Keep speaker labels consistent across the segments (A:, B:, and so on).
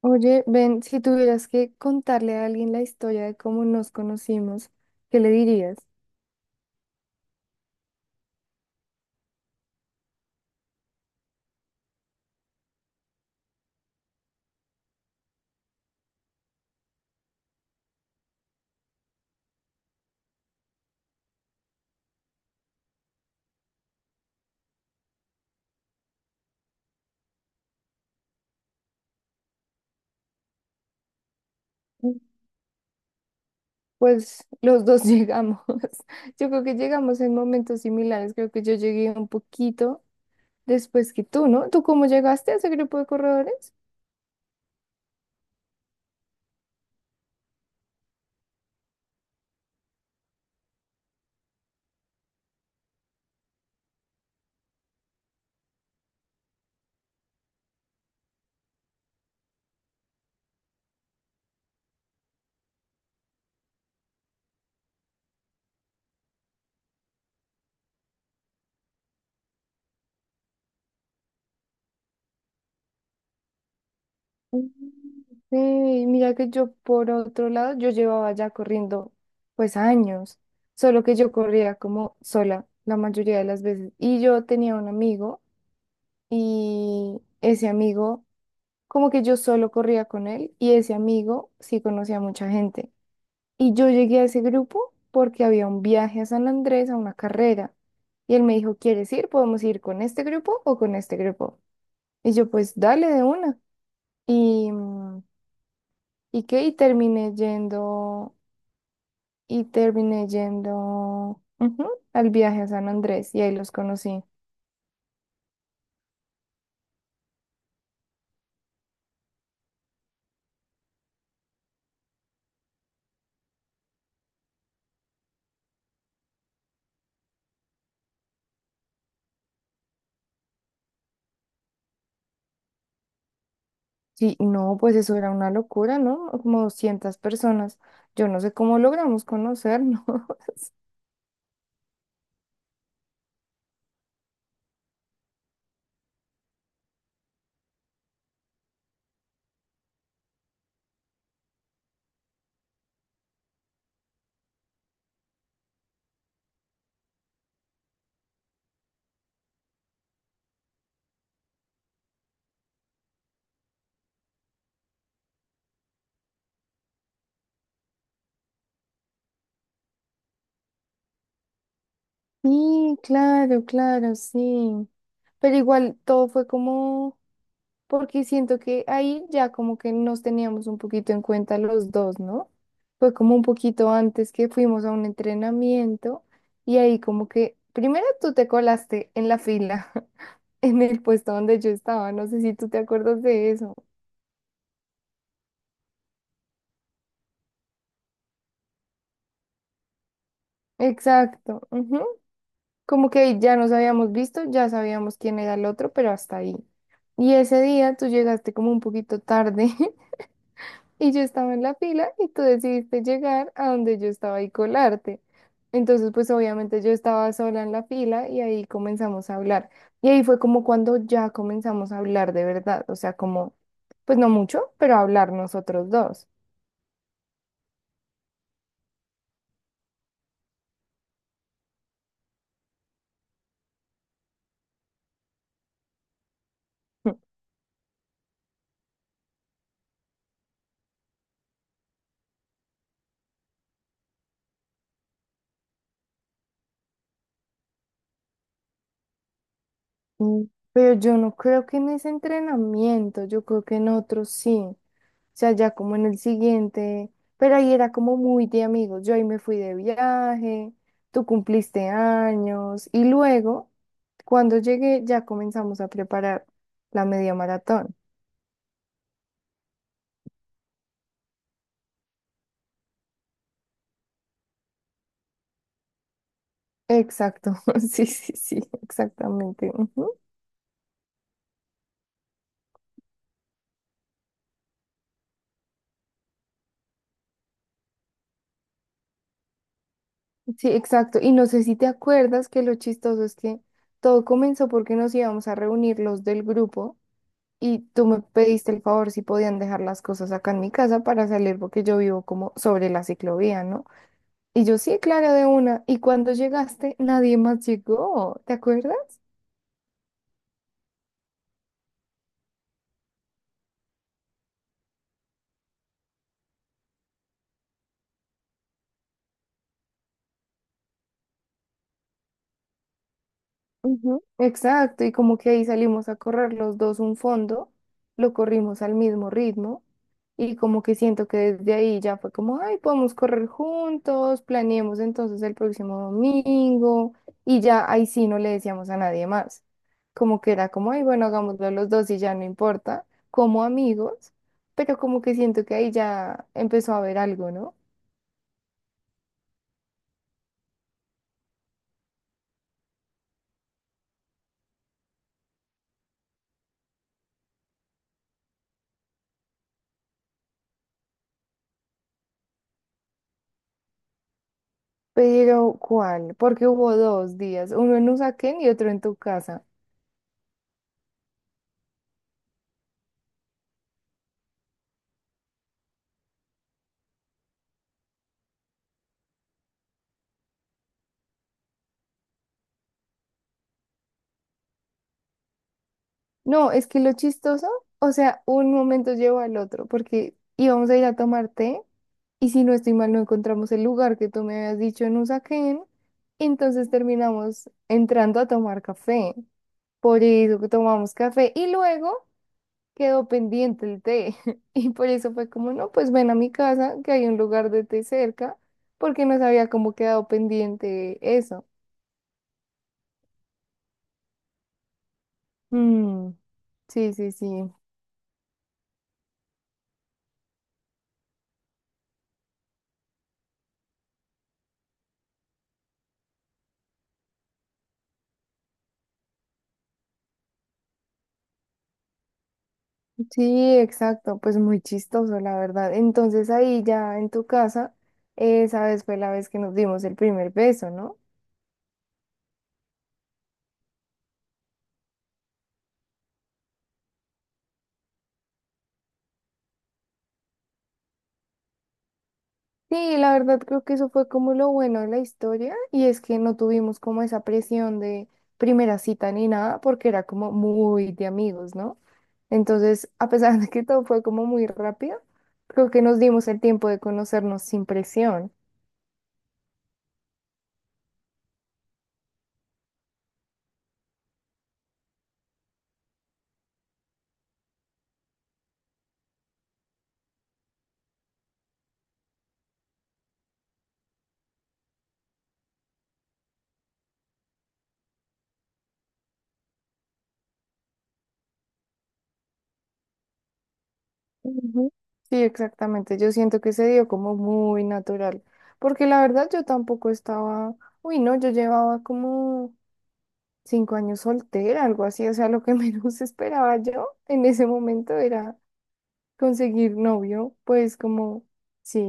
A: Oye, Ben, si tuvieras que contarle a alguien la historia de cómo nos conocimos, ¿qué le dirías? Mm, Pues los dos llegamos. Yo creo que llegamos en momentos similares. Creo que yo llegué un poquito después que tú, ¿no? ¿Tú cómo llegaste a ese grupo de corredores? Mm. Sí, mira que yo por otro lado, yo llevaba ya corriendo pues años, solo que yo corría como sola la mayoría de las veces. Y yo tenía un amigo y ese amigo, como que yo solo corría con él y ese amigo sí conocía a mucha gente. Y yo llegué a ese grupo porque había un viaje a San Andrés a una carrera. Y él me dijo, ¿quieres ir? ¿Podemos ir con este grupo o con este grupo? Y yo pues dale de una. Y... mm, ¿Y qué? Y terminé yendo ujú, al viaje a San Andrés y ahí los conocí. Sí, no, pues eso era una locura, ¿no? Como 200 personas. Yo no sé cómo logramos conocernos. Sí, claro, claro, sí. Pero igual todo fue como, porque siento que ahí ya como que nos teníamos un poquito en cuenta los dos, ¿no? Fue como un poquito antes que fuimos a un entrenamiento y ahí como que, primero tú te colaste en la fila en el puesto donde yo estaba. No sé si tú te acuerdas de eso. Exacto. Ujú. Como que ya nos habíamos visto, ya sabíamos quién era el otro, pero hasta ahí. Y ese día tú llegaste como un poquito tarde y yo estaba en la fila y tú decidiste llegar a donde yo estaba y colarte. Entonces, pues obviamente yo estaba sola en la fila y ahí comenzamos a hablar. Y ahí fue como cuando ya comenzamos a hablar de verdad, o sea, como, pues no mucho, pero hablar nosotros dos. Mm, pero yo no creo que en ese entrenamiento, yo creo que en otros sí. O sea, ya como en el siguiente, pero ahí era como muy de amigos. Yo ahí me fui de viaje, tú cumpliste años y luego, cuando llegué, ya comenzamos a preparar la media maratón. Exacto, sí, sí, sí, exactamente. Ujú. Sí, exacto. Y no sé si te acuerdas que lo chistoso es que todo comenzó porque nos íbamos a reunir los del grupo. Y tú me pediste el favor si podían dejar las cosas acá en mi casa para salir porque yo vivo como sobre la ciclovía, ¿no? Y yo sí, claro, de una. Y cuando llegaste, nadie más llegó, ¿te acuerdas? Ujú. Exacto, y como que ahí salimos a correr los dos un fondo, lo corrimos al mismo ritmo y como que siento que desde ahí ya fue como, ay, podemos correr juntos, planeemos entonces el próximo domingo y ya ahí sí no le decíamos a nadie más, como que era como, ay, bueno, hagámoslo los dos y ya no importa, como amigos, pero como que siento que ahí ya empezó a haber algo, ¿no? Pero, ¿cuál? Porque hubo dos días, uno en Usaquén y otro en tu casa. No, es que lo chistoso, o sea, un momento llevó al otro, porque íbamos a ir a tomar té y si no estoy mal no encontramos el lugar que tú me habías dicho en Usaquén, entonces terminamos entrando a tomar café. Por eso que tomamos café y luego quedó pendiente el té. Y por eso fue como, no, pues ven a mi casa, que hay un lugar de té cerca, porque nos había como quedado pendiente eso. Mm, sí, sí, sí. Sí, exacto, pues muy chistoso, la verdad. Entonces ahí ya en tu casa, esa vez fue la vez que nos dimos el primer beso, ¿no? Sí, la verdad creo que eso fue como lo bueno de la historia y es que no tuvimos como esa presión de primera cita ni nada porque era como muy de amigos, ¿no? Entonces, a pesar de que todo fue como muy rápido, creo que nos dimos el tiempo de conocernos sin presión. Ujú. Sí, exactamente. Yo siento que se dio como muy natural, porque la verdad yo tampoco estaba, uy, no, yo llevaba como 5 años soltera, algo así, o sea, lo que menos esperaba yo en ese momento era conseguir novio, pues como, sí,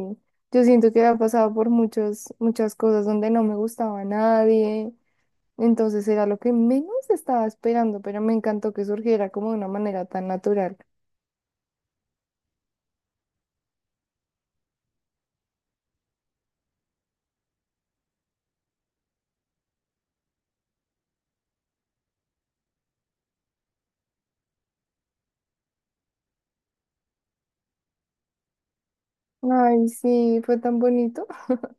A: yo siento que había pasado por muchas cosas donde no me gustaba nadie, entonces era lo que menos estaba esperando, pero me encantó que surgiera como de una manera tan natural. Ay, sí, fue tan bonito.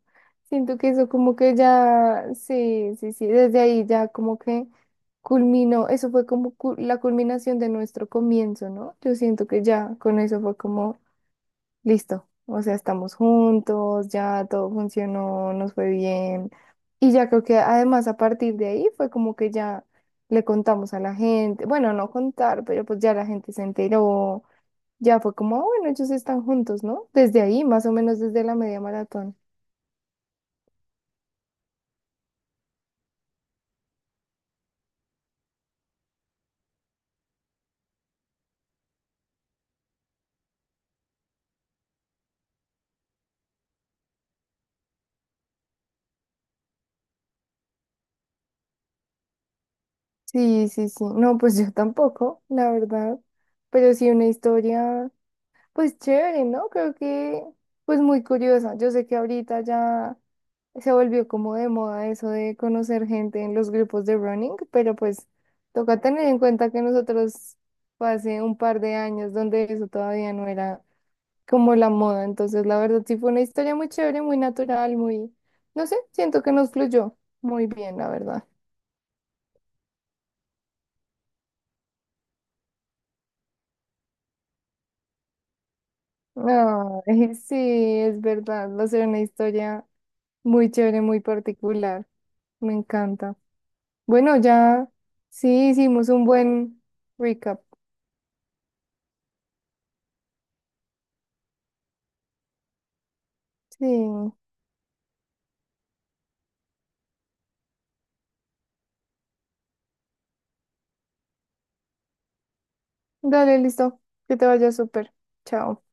A: Siento que eso como que ya, sí, sí, sí, desde ahí ya como que culminó, eso fue como la culminación de nuestro comienzo, ¿no? Yo siento que ya con eso fue como, listo, o sea, estamos juntos, ya todo funcionó, nos fue bien. Y ya creo que además a partir de ahí fue como que ya le contamos a la gente, bueno, no contar, pero pues ya la gente se enteró. Ya fue como, "Ah, bueno, ellos están juntos, ¿no? Desde ahí, más o menos desde la media maratón". Sí, sí, sí. No, pues yo tampoco, la verdad. Pero sí una historia, pues chévere, ¿no? Creo que, pues muy curiosa. Yo sé que ahorita ya se volvió como de moda eso de conocer gente en los grupos de running, pero pues toca tener en cuenta que nosotros fue hace un par de años donde eso todavía no era como la moda. Entonces, la verdad, sí fue una historia muy chévere, muy natural, muy, no sé, siento que nos fluyó muy bien, la verdad. Ay, sí, es verdad, va a ser una historia muy chévere, muy particular. Me encanta. Bueno, ya sí hicimos un buen recap. Sí, dale, listo. Que te vaya súper. Chao.